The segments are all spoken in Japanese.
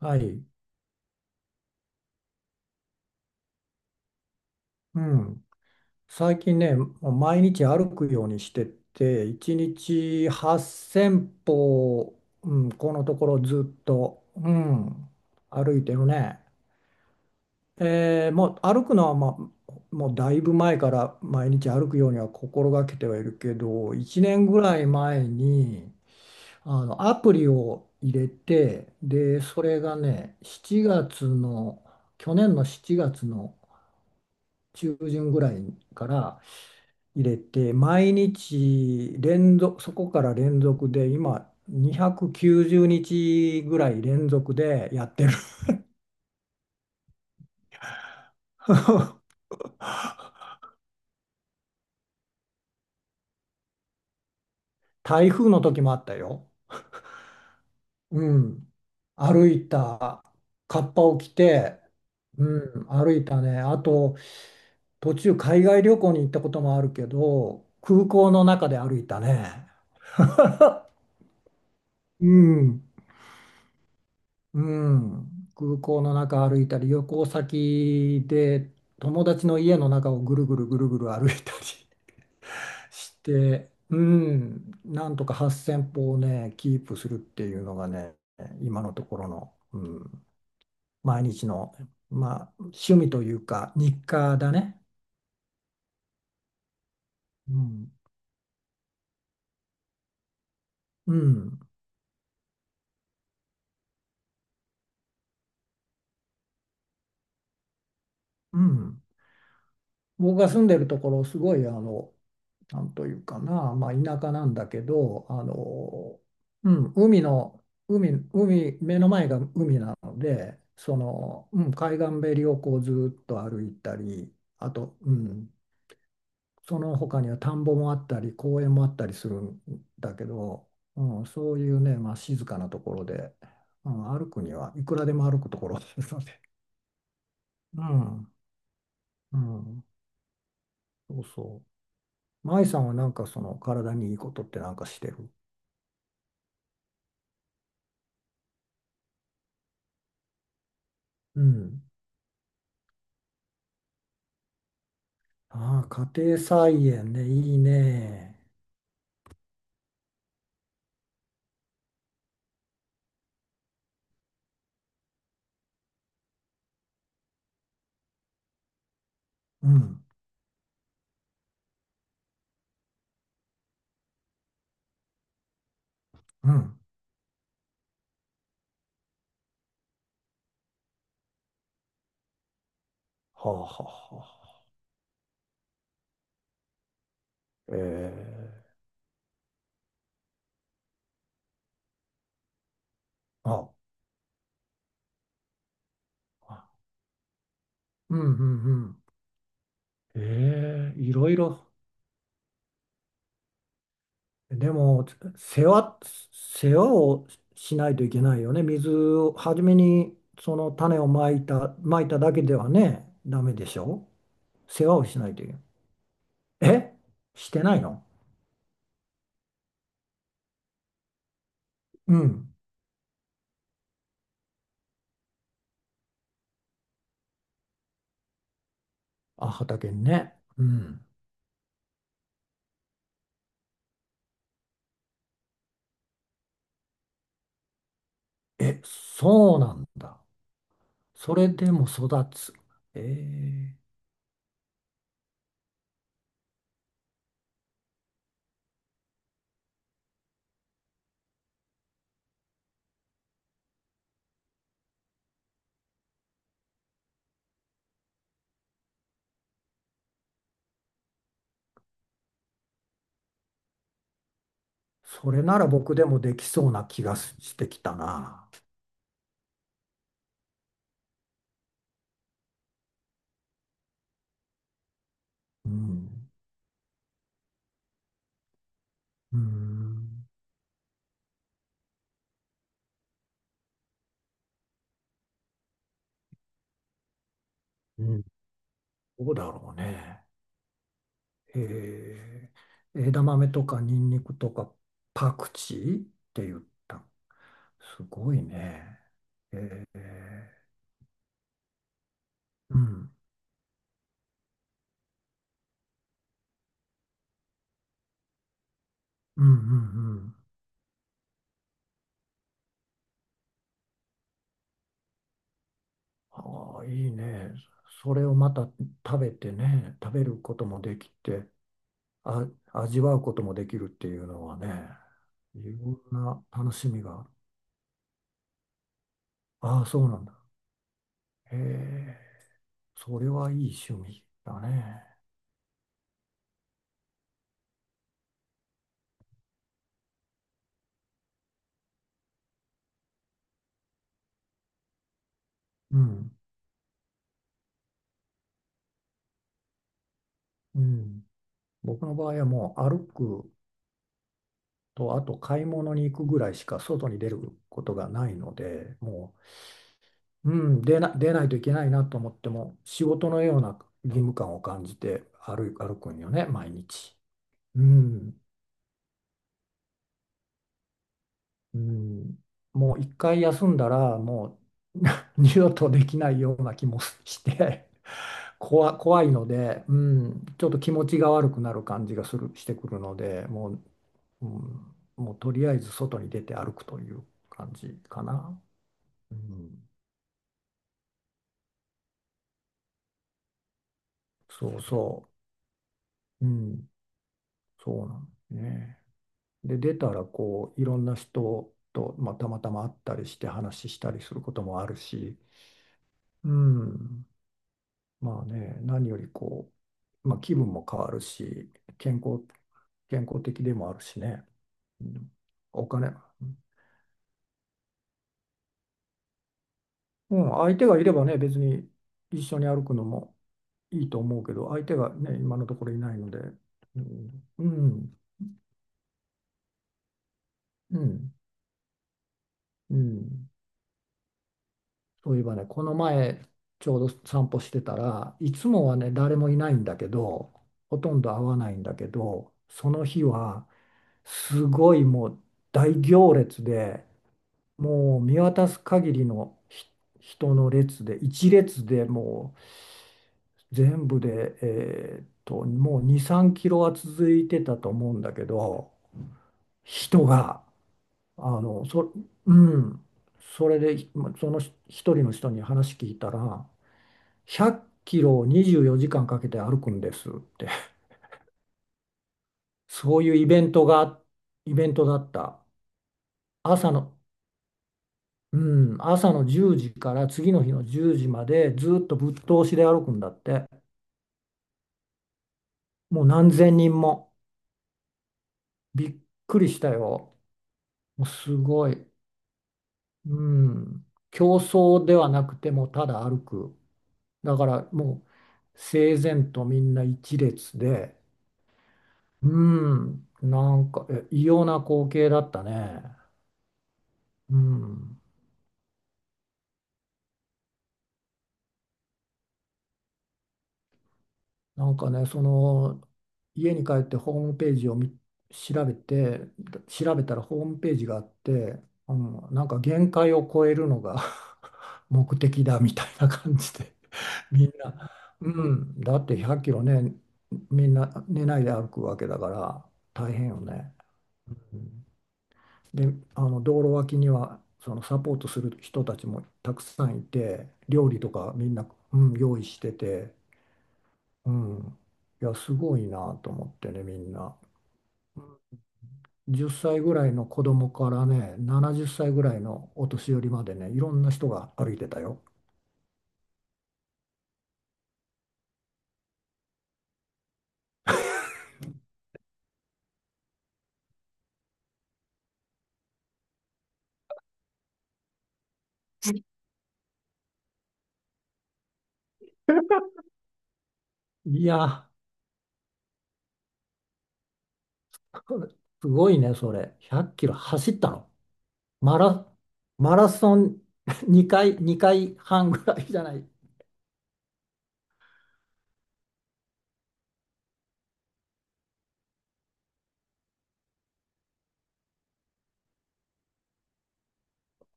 はい、うん、最近ね、もう毎日歩くようにしてて、1日8000歩、うん、このところずっと、うん、歩いてるね。もう歩くのは、まあ、もうだいぶ前から毎日歩くようには心がけてはいるけど、1年ぐらい前にあのアプリを入れて、で、それがね、7月の、去年の7月の中旬ぐらいから、入れて、毎日連続、そこから連続で、今、290日ぐらい連続でやってる。台風の時もあったよ。うん。歩いた、カッパを着て、うん、歩いたね。あと、途中海外旅行に行ったこともあるけど、空港の中で歩いたね。うん。うん、空港の中歩いたり、旅行先で友達の家の中をぐるぐるぐるぐる歩いたり して、うん、なんとか8000歩をね、キープするっていうのがね、今のところの、うん、毎日の、まあ、趣味というか、日課だね。うん、うん、うん。僕が住んでるところ、すごいなんというかな、まあ、田舎なんだけど、あの、うん、海の、海、海、目の前が海なので、その、うん、海岸べりをこうずっと歩いたり、あと、うん、その他には田んぼもあったり、公園もあったりするんだけど、うん、そういうね、まあ、静かなところで、うん、歩くにはいくらでも歩くところですので、うん、うん、そうそう。舞さんはなんかその体にいいことってなんかしてる？うん、ああ、家庭菜園ね、いいね。うん、うん。はあはあはあ。ええ、あ、あ、うん、うん、うん。えー、いろいろ。でも、世話、世話をしないといけないよね。水を、初めにその種をまいただけではね、ダメでしょ。世話をしないといけない。え、してないの？うん。あ、畑にね。うん。え、そうなんだ。それでも育つ。ええ、それなら僕でもできそうな気がしてきたな。うん。うん。うん。どうだろうね。ええ、枝豆とかニンニクとかパクチーって言った。すごいね。ええ、うん。うんうんうん。ああ、いいね。それをまた食べてね、食べることもできて。あ、味わうこともできるっていうのはね、いろんな楽しみが、ああ、そうなんだ。へえ、それはいい趣味だね。うん、うん。僕の場合はもう歩くと、あと買い物に行くぐらいしか外に出ることがないので、もう、うん、出ないといけないなと思っても、仕事のような義務感を感じて歩くんよね、毎日。うん。うん、もう一回休んだらもう 二度とできないような気もして怖いので、うん、ちょっと気持ちが悪くなる感じがする、してくるのでもう、うん、もうとりあえず外に出て歩くという感じかな。うん、そうそう、うん、そうなんですね。で出たらこういろんな人と、まあ、たまたま会ったりして話したりすることもあるし、うん、まあね、何よりこう、まあ、気分も変わるし、健康、健康的でもあるしね、うん、お金、うん、相手がいればね、別に一緒に歩くのもいいと思うけど、相手がね、今のところいないので、うん、うん、うん、うん、そういえばね、この前、ちょうど散歩してたらいつもはね、誰もいないんだけど、ほとんど会わないんだけど、その日は、すごいもう大行列で、もう見渡す限りの人の列で、一列でもう全部で、もう2、3キロは続いてたと思うんだけど、人が、あの、そ、うん、それで、ひまそのひ一人の人に話聞いたら、100キロを24時間かけて歩くんですって、そういうイベントが、イベントだった。朝の、うん、朝の10時から次の日の10時までずっとぶっ通しで歩くんだって。もう何千人も。びっくりしたよ。もうすごい。うん。競争ではなくてもうただ歩く。だからもう整然とみんな一列で。うん。なんか、異様な光景だったね。うん。なんかね、その家に帰ってホームページを見調べて、調べたらホームページがあって、うん、なんか限界を超えるのが 目的だみたいな感じで、みんな、うん、だって100キロね、みんな寝ないで歩くわけだから大変よね。うん、で、あの道路脇にはそのサポートする人たちもたくさんいて、料理とかみんな、うん、用意してて。うん。いや、すごいなと思ってね、みんな。10歳ぐらいの子供からね、70歳ぐらいのお年寄りまでね、いろんな人が歩いてたよ。いや、すごいね、それ。100キロ走ったの？マラ、マラソン 2回半ぐらいじゃない。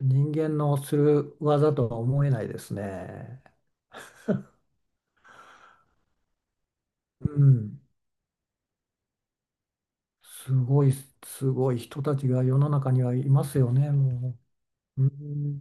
人間のする技とは思えないですね。うん。すごい、すごい人たちが世の中にはいますよね、もう。うん